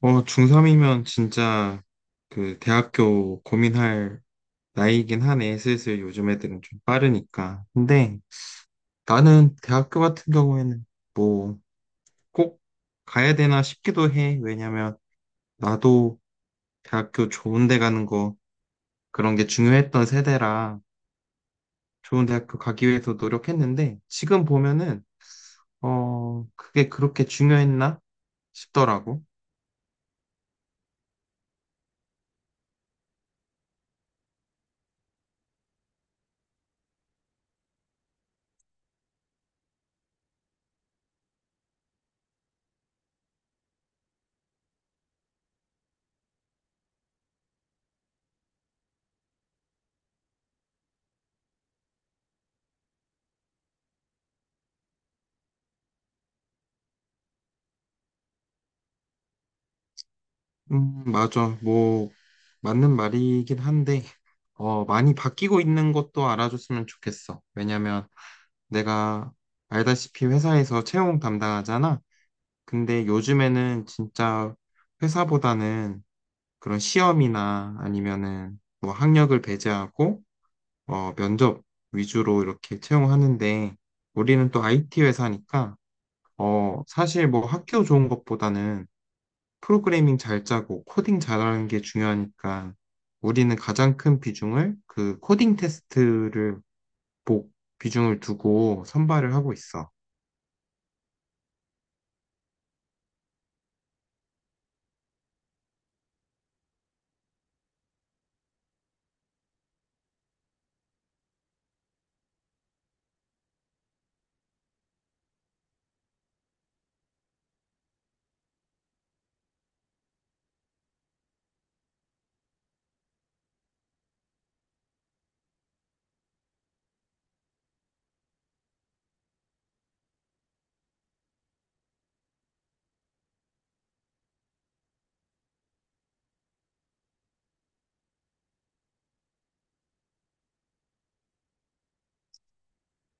중3이면 진짜 대학교 고민할 나이긴 하네. 슬슬 요즘 애들은 좀 빠르니까. 근데 나는 대학교 같은 경우에는 뭐 꼭 가야 되나 싶기도 해. 왜냐면 나도 대학교 좋은 데 가는 거 그런 게 중요했던 세대라 좋은 대학교 가기 위해서 노력했는데 지금 보면은 그게 그렇게 중요했나 싶더라고. 맞아. 맞는 말이긴 한데 많이 바뀌고 있는 것도 알아줬으면 좋겠어. 왜냐면 내가 알다시피 회사에서 채용 담당하잖아. 근데 요즘에는 진짜 회사보다는 그런 시험이나 아니면은 뭐 학력을 배제하고 면접 위주로 이렇게 채용하는데 우리는 또 IT 회사니까 어, 사실 뭐 학교 좋은 것보다는 프로그래밍 잘 짜고 코딩 잘하는 게 중요하니까 우리는 가장 큰 비중을 그 코딩 테스트를 복 비중을 두고 선발을 하고 있어.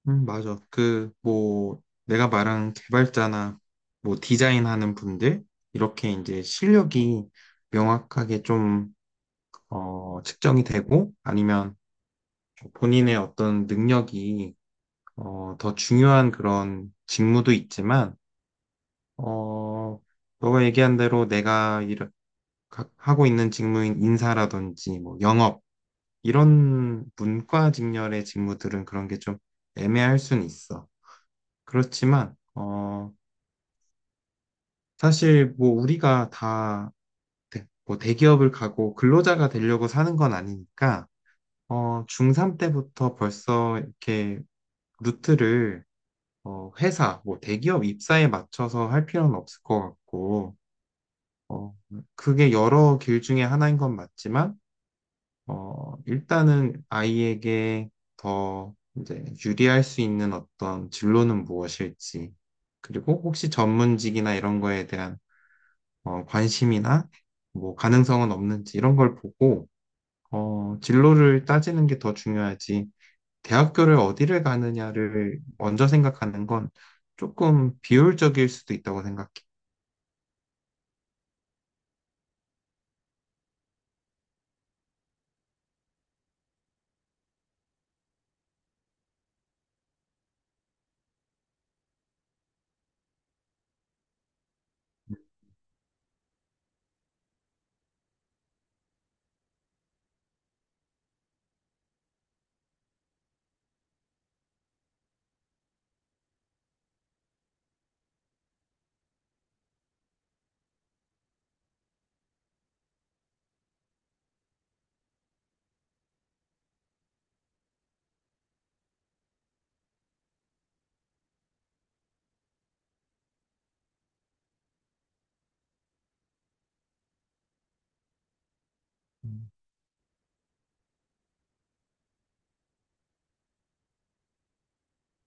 맞아. 내가 말한 개발자나 뭐 디자인하는 분들, 이렇게 이제 실력이 명확하게 좀, 측정이 되고, 아니면 본인의 어떤 능력이, 더 중요한 그런 직무도 있지만, 어, 너가 얘기한 대로 하고 있는 직무인 인사라든지, 뭐, 영업, 이런 문과 직렬의 직무들은 그런 게 좀 애매할 순 있어. 그렇지만, 사실 뭐 우리가 뭐 대기업을 가고 근로자가 되려고 사는 건 아니니까, 중3 때부터 벌써 이렇게 루트를 회사, 뭐 대기업 입사에 맞춰서 할 필요는 없을 것 같고, 어, 그게 여러 길 중에 하나인 건 맞지만, 일단은 아이에게 더 이제 유리할 수 있는 어떤 진로는 무엇일지, 그리고 혹시 전문직이나 이런 거에 대한 관심이나 뭐 가능성은 없는지 이런 걸 보고, 진로를 따지는 게 더 중요하지. 대학교를 어디를 가느냐를 먼저 생각하는 건 조금 비효율적일 수도 있다고 생각해.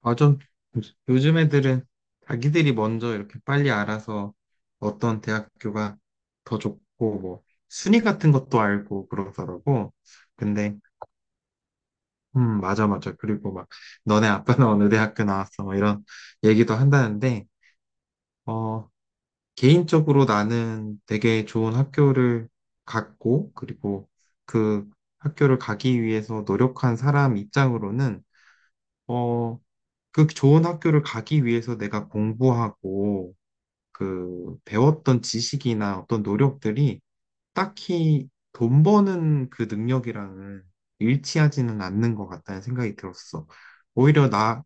아, 좀, 요즘 애들은 자기들이 먼저 이렇게 빨리 알아서 어떤 대학교가 더 좋고, 뭐, 순위 같은 것도 알고 그러더라고. 근데, 맞아, 맞아. 그리고 막, 너네 아빠는 어느 대학교 나왔어? 막 이런 얘기도 한다는데, 어, 개인적으로 나는 되게 좋은 학교를 갔고, 그리고 그 학교를 가기 위해서 노력한 사람 입장으로는, 어, 그 좋은 학교를 가기 위해서 내가 공부하고 그 배웠던 지식이나 어떤 노력들이 딱히 돈 버는 그 능력이랑은 일치하지는 않는 것 같다는 생각이 들었어. 오히려 나,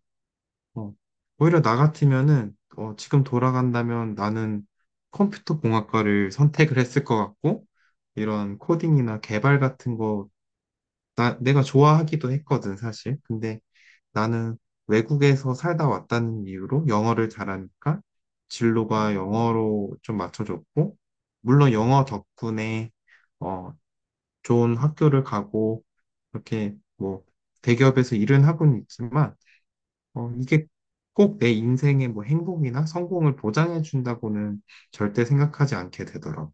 어, 오히려 나 같으면은 어, 지금 돌아간다면 나는 컴퓨터 공학과를 선택을 했을 것 같고 이런 코딩이나 개발 같은 거 내가 좋아하기도 했거든, 사실. 근데 나는 외국에서 살다 왔다는 이유로 영어를 잘하니까 진로가 영어로 좀 맞춰졌고, 물론 영어 덕분에 어, 좋은 학교를 가고, 이렇게 뭐 대기업에서 일은 하고는 있지만, 이게 꼭 내 인생의 뭐 행복이나 성공을 보장해 준다고는 절대 생각하지 않게 되더라고.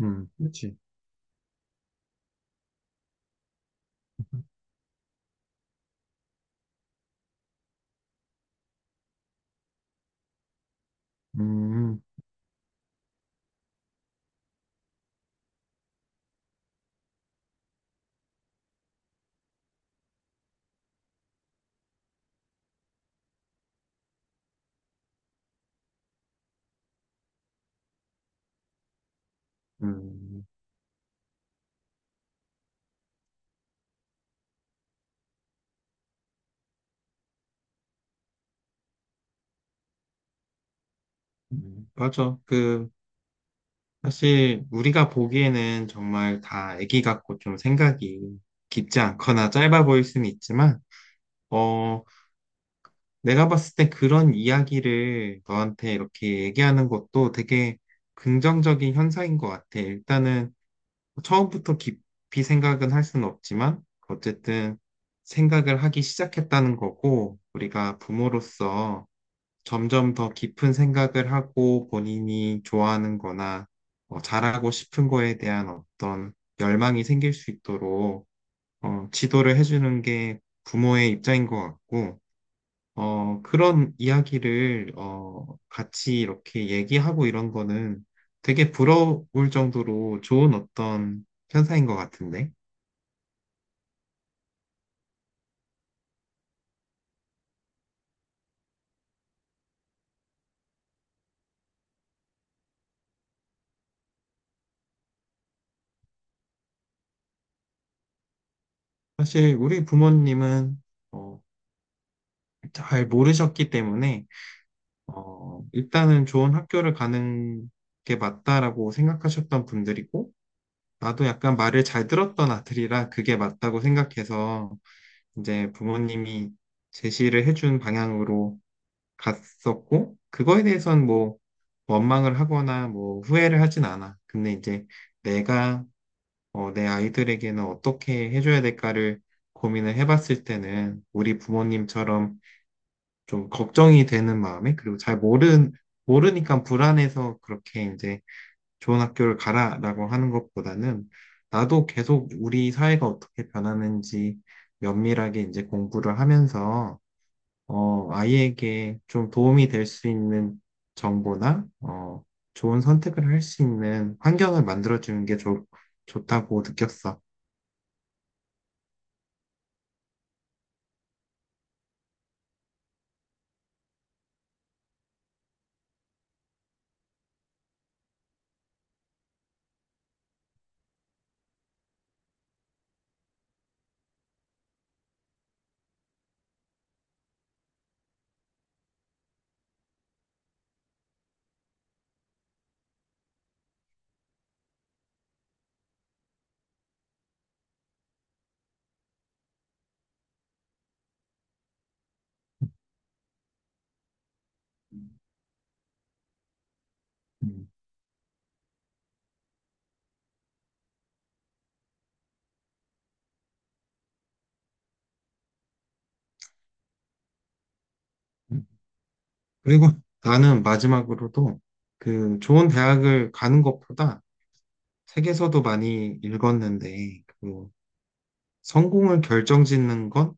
그렇지. 음, 음, 맞아. 그 사실 우리가 보기에는 정말 다 애기 같고 좀 생각이 깊지 않거나 짧아 보일 수는 있지만, 어, 내가 봤을 때 그런 이야기를 너한테 이렇게 얘기하는 것도 되게 긍정적인 현상인 것 같아. 일단은 처음부터 깊이 생각은 할 수는 없지만, 어쨌든 생각을 하기 시작했다는 거고, 우리가 부모로서 점점 더 깊은 생각을 하고 본인이 좋아하는 거나 잘하고 싶은 거에 대한 어떤 열망이 생길 수 있도록 지도를 해주는 게 부모의 입장인 것 같고, 그런 이야기를 같이 이렇게 얘기하고 이런 거는 되게 부러울 정도로 좋은 어떤 현상인 것 같은데. 사실 우리 부모님은 어, 잘 모르셨기 때문에 일단은 좋은 학교를 가는 게 맞다라고 생각하셨던 분들이고, 나도 약간 말을 잘 들었던 아들이라 그게 맞다고 생각해서 이제 부모님이 제시를 해준 방향으로 갔었고, 그거에 대해선 뭐 원망을 하거나 뭐 후회를 하진 않아. 근데 이제 내가 내 아이들에게는 어떻게 해줘야 될까를 고민을 해봤을 때는 우리 부모님처럼 좀 걱정이 되는 마음에 그리고 잘모는 모르니까 불안해서 그렇게 이제 좋은 학교를 가라라고 하는 것보다는 나도 계속 우리 사회가 어떻게 변하는지 면밀하게 이제 공부를 하면서 어 아이에게 좀 도움이 될 수 있는 정보나 어 좋은 선택을 할 수 있는 환경을 만들어 주는 게 좋다고 느꼈어. 음. 음. 그리고 나는 마지막으로도 그 좋은 대학을 가는 것보다 책에서도 많이 읽었는데, 그 성공을 결정짓는 건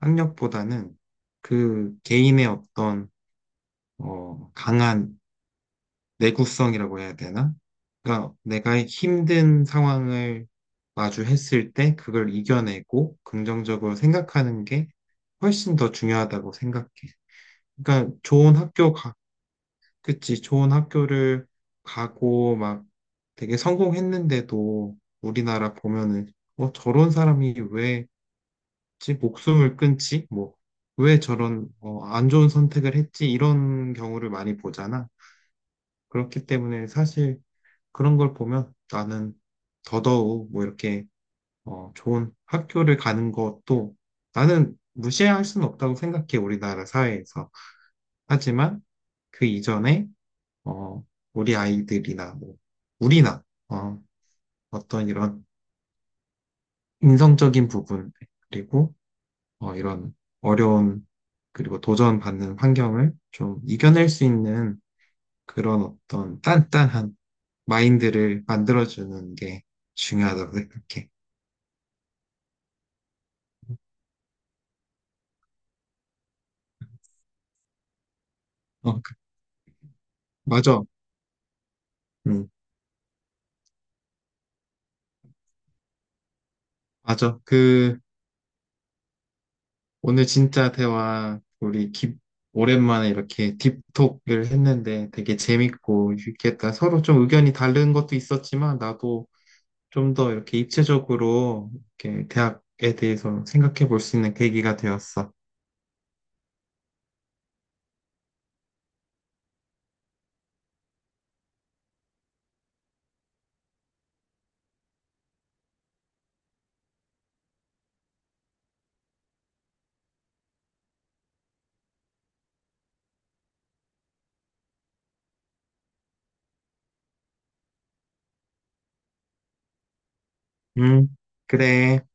학력보다는 그 개인의 어떤, 강한 내구성이라고 해야 되나? 그러니까 내가 힘든 상황을 마주했을 때 그걸 이겨내고 긍정적으로 생각하는 게 훨씬 더 중요하다고 생각해. 그러니까 좋은 학교 가, 그치, 좋은 학교를 가고 막 되게 성공했는데도 우리나라 보면은 저런 사람이 왜 목숨을 끊지? 뭐, 왜 저런 어, 안 좋은 선택을 했지? 이런 경우를 많이 보잖아. 그렇기 때문에 사실 그런 걸 보면 나는 더더욱 뭐 이렇게 좋은 학교를 가는 것도 나는 무시할 수는 없다고 생각해, 우리나라 사회에서. 하지만 그 이전에 어, 우리 아이들이나, 뭐, 우리나, 어, 어떤 이런 인성적인 부분, 그리고, 이런 어려운, 그리고 도전받는 환경을 좀 이겨낼 수 있는 그런 어떤 단단한 마인드를 만들어주는 게 중요하다고 생각해. 어, 그- 맞아. 응, 맞아. 오늘 진짜 오랜만에 이렇게 딥톡을 했는데 되게 재밌고 유익했다. 서로 좀 의견이 다른 것도 있었지만 나도 좀 더 이렇게 입체적으로 이렇게 대학에 대해서 생각해 볼 수 있는 계기가 되었어. 음, 그래.